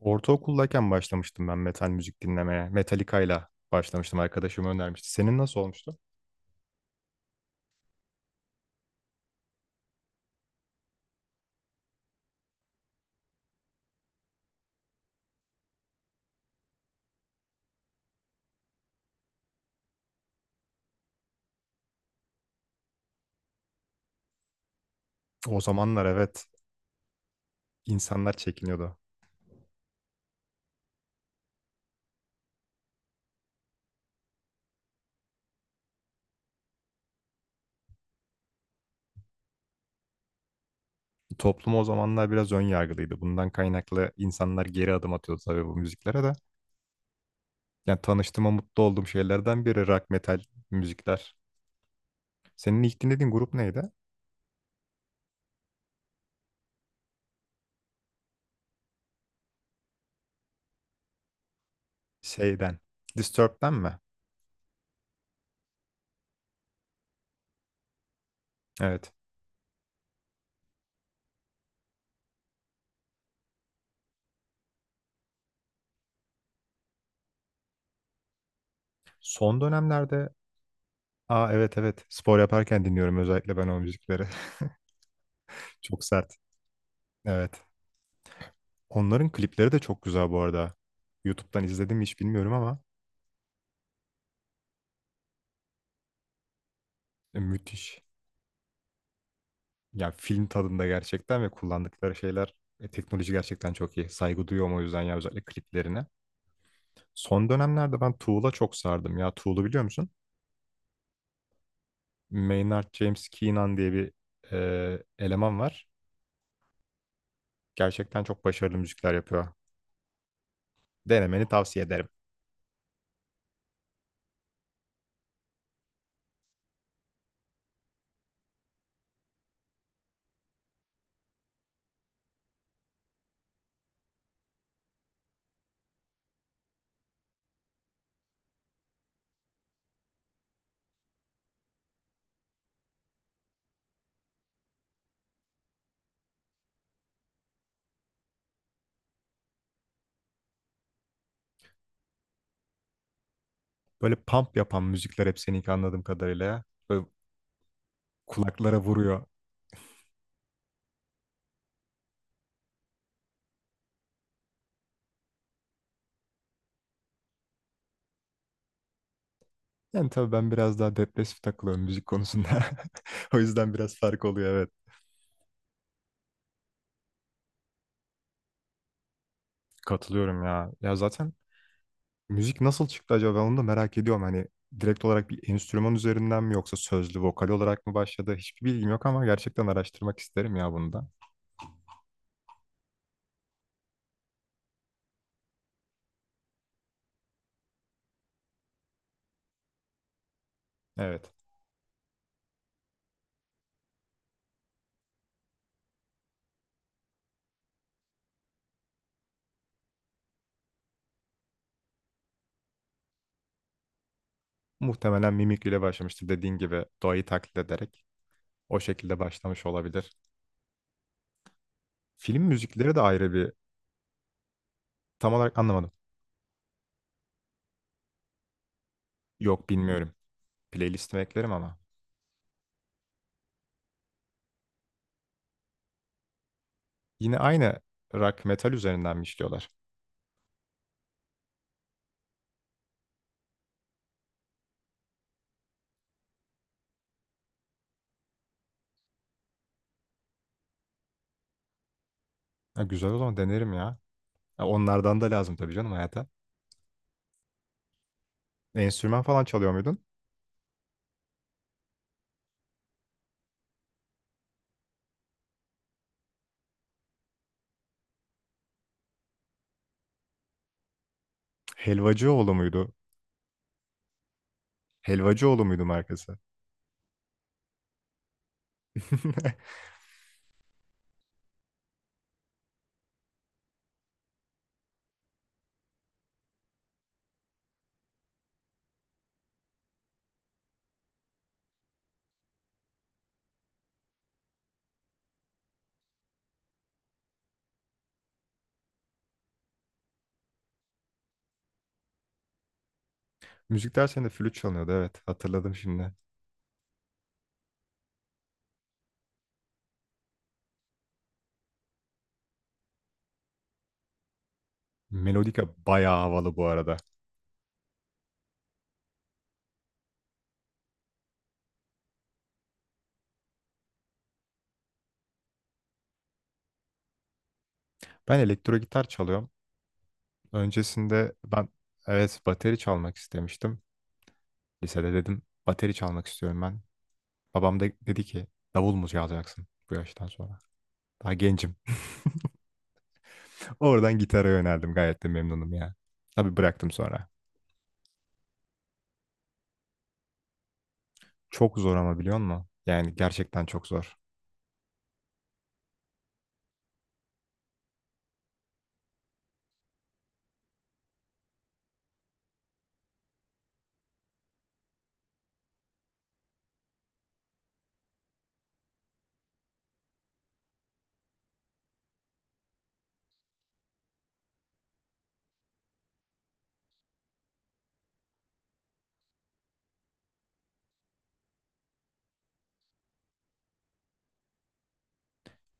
Ortaokuldayken başlamıştım ben metal müzik dinlemeye. Metallica'yla başlamıştım. Arkadaşım önermişti. Senin nasıl olmuştu? O zamanlar evet, insanlar çekiniyordu. Toplum o zamanlar biraz ön yargılıydı. Bundan kaynaklı insanlar geri adım atıyordu tabii bu müziklere de. Yani tanıştığıma mutlu olduğum şeylerden biri rock metal müzikler. Senin ilk dinlediğin grup neydi? Şeyden. Disturbed'den mi? Evet. Son dönemlerde. Aa, evet evet. Spor yaparken dinliyorum özellikle ben o müzikleri. Çok sert. Evet. Onların klipleri de çok güzel bu arada. YouTube'dan izledim mi hiç bilmiyorum ama müthiş. Ya film tadında gerçekten ve kullandıkları şeyler teknoloji gerçekten çok iyi. Saygı duyuyorum o yüzden ya, özellikle kliplerine. Son dönemlerde ben Tool'a çok sardım ya. Tool'u biliyor musun? Maynard James Keenan diye bir eleman var. Gerçekten çok başarılı müzikler yapıyor. Denemeni tavsiye ederim. Böyle pump yapan müzikler hep seninki anladığım kadarıyla, ya. Böyle kulaklara vuruyor. Yani tabii ben biraz daha depresif takılıyorum müzik konusunda. O yüzden biraz fark oluyor, evet. Katılıyorum ya. Ya zaten müzik nasıl çıktı acaba? Ben onu da merak ediyorum. Hani direkt olarak bir enstrüman üzerinden mi yoksa sözlü, vokal olarak mı başladı? Hiçbir bilgim yok ama gerçekten araştırmak isterim ya bunu da. Evet. Muhtemelen mimikriyle başlamıştır, dediğin gibi doğayı taklit ederek. O şekilde başlamış olabilir. Film müzikleri de ayrı bir tam olarak anlamadım. Yok, bilmiyorum. Playlistime eklerim ama. Yine aynı rock metal üzerinden mi işliyorlar? Ha, güzel, o zaman denerim ya. Ha, onlardan da lazım tabii canım hayata. Enstrüman falan çalıyor muydun? Helvacıoğlu muydu? Helvacıoğlu muydu markası? Müzik dersinde flüt çalınıyordu, evet, hatırladım şimdi. Melodika bayağı havalı bu arada. Ben elektro gitar çalıyorum. Öncesinde ben evet bateri çalmak istemiştim. Lisede dedim bateri çalmak istiyorum ben. Babam da dedi ki davul mu çalacaksın bu yaştan sonra? Daha gencim. Oradan gitara yöneldim. Gayet de memnunum ya. Tabii bıraktım sonra. Çok zor ama biliyor musun? Yani gerçekten çok zor.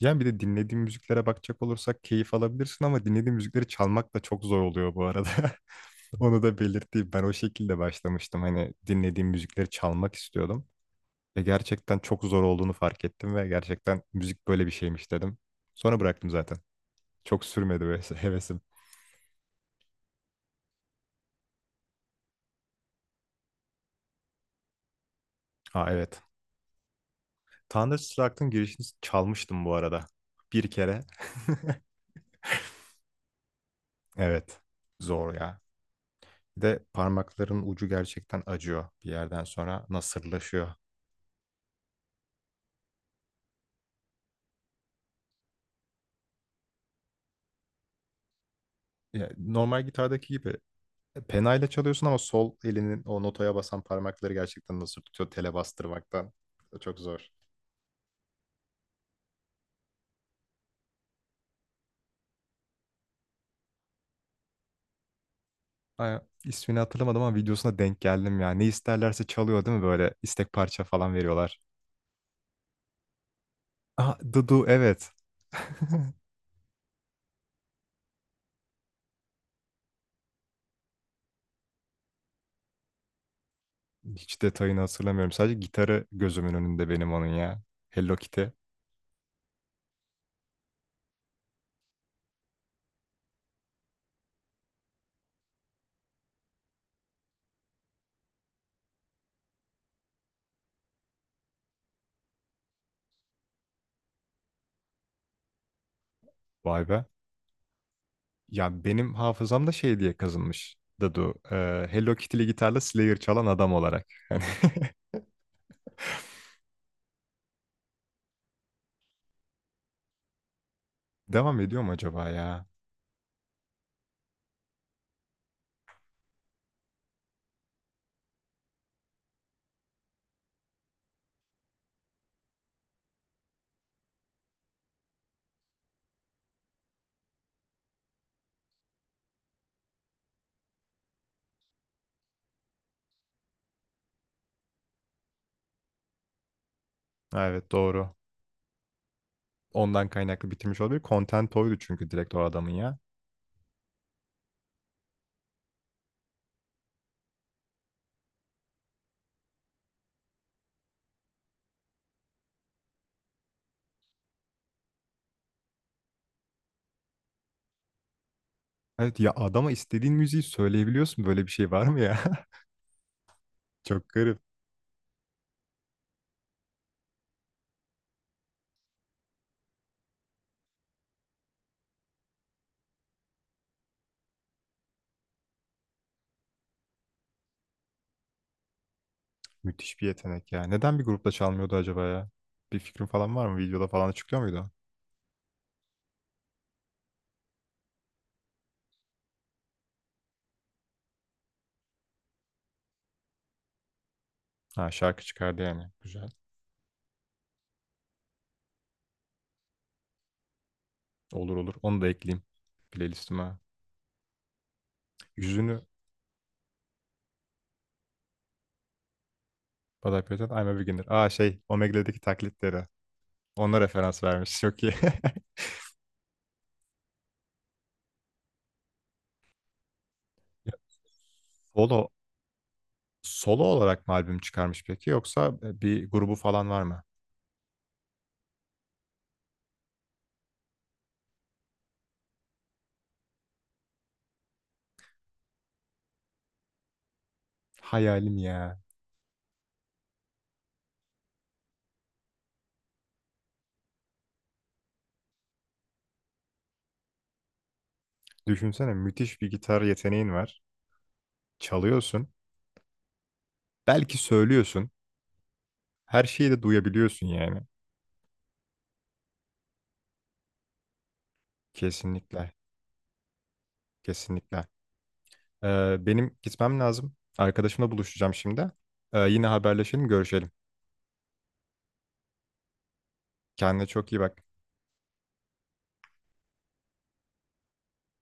Yani bir de dinlediğim müziklere bakacak olursak keyif alabilirsin ama dinlediğim müzikleri çalmak da çok zor oluyor bu arada. Onu da belirteyim. Ben o şekilde başlamıştım. Hani dinlediğim müzikleri çalmak istiyordum. Ve gerçekten çok zor olduğunu fark ettim ve gerçekten müzik böyle bir şeymiş dedim. Sonra bıraktım zaten. Çok sürmedi böyle hevesim. Aa, evet. Thunderstruck'ın girişini çalmıştım bu arada. Bir kere. Evet. Zor ya. Bir de parmakların ucu gerçekten acıyor bir yerden sonra. Nasırlaşıyor. Ya, normal gitardaki gibi penayla çalıyorsun ama sol elinin o notaya basan parmakları gerçekten nasır tutuyor tele bastırmaktan. Çok zor. Ay, ismini hatırlamadım ama videosuna denk geldim ya. Ne isterlerse çalıyor değil mi, böyle istek parça falan veriyorlar. Ah, Dudu, evet. Hiç detayını hatırlamıyorum. Sadece gitarı gözümün önünde benim, onun ya. Hello Kitty. Vay be. Ya benim hafızamda şey diye kazınmış. Dadu. Hello Kitty'li gitarla Slayer çalan adam olarak. Hani devam ediyor mu acaba ya? Ha, evet, doğru. Ondan kaynaklı bitirmiş olabilir. Content oydu çünkü direkt o adamın ya. Evet ya, adama istediğin müziği söyleyebiliyorsun. Böyle bir şey var mı ya? Çok garip. Müthiş bir yetenek ya. Neden bir grupta çalmıyordu acaba ya? Bir fikrin falan var mı? Videoda falan açıklıyor muydu? Ha, şarkı çıkardı yani. Güzel. Olur olur. Onu da ekleyeyim playlistime. Yüzünü Baday Peyton, I'm a Beginner. Aa, şey, Omegle'deki taklitleri. Ona referans vermiş. Çok iyi. Ya, solo, solo olarak mı albüm çıkarmış peki yoksa bir grubu falan var mı? Hayalim ya. Düşünsene, müthiş bir gitar yeteneğin var. Çalıyorsun. Belki söylüyorsun. Her şeyi de duyabiliyorsun yani. Kesinlikle. Kesinlikle. Benim gitmem lazım. Arkadaşımla buluşacağım şimdi. Yine haberleşelim, görüşelim. Kendine çok iyi bak.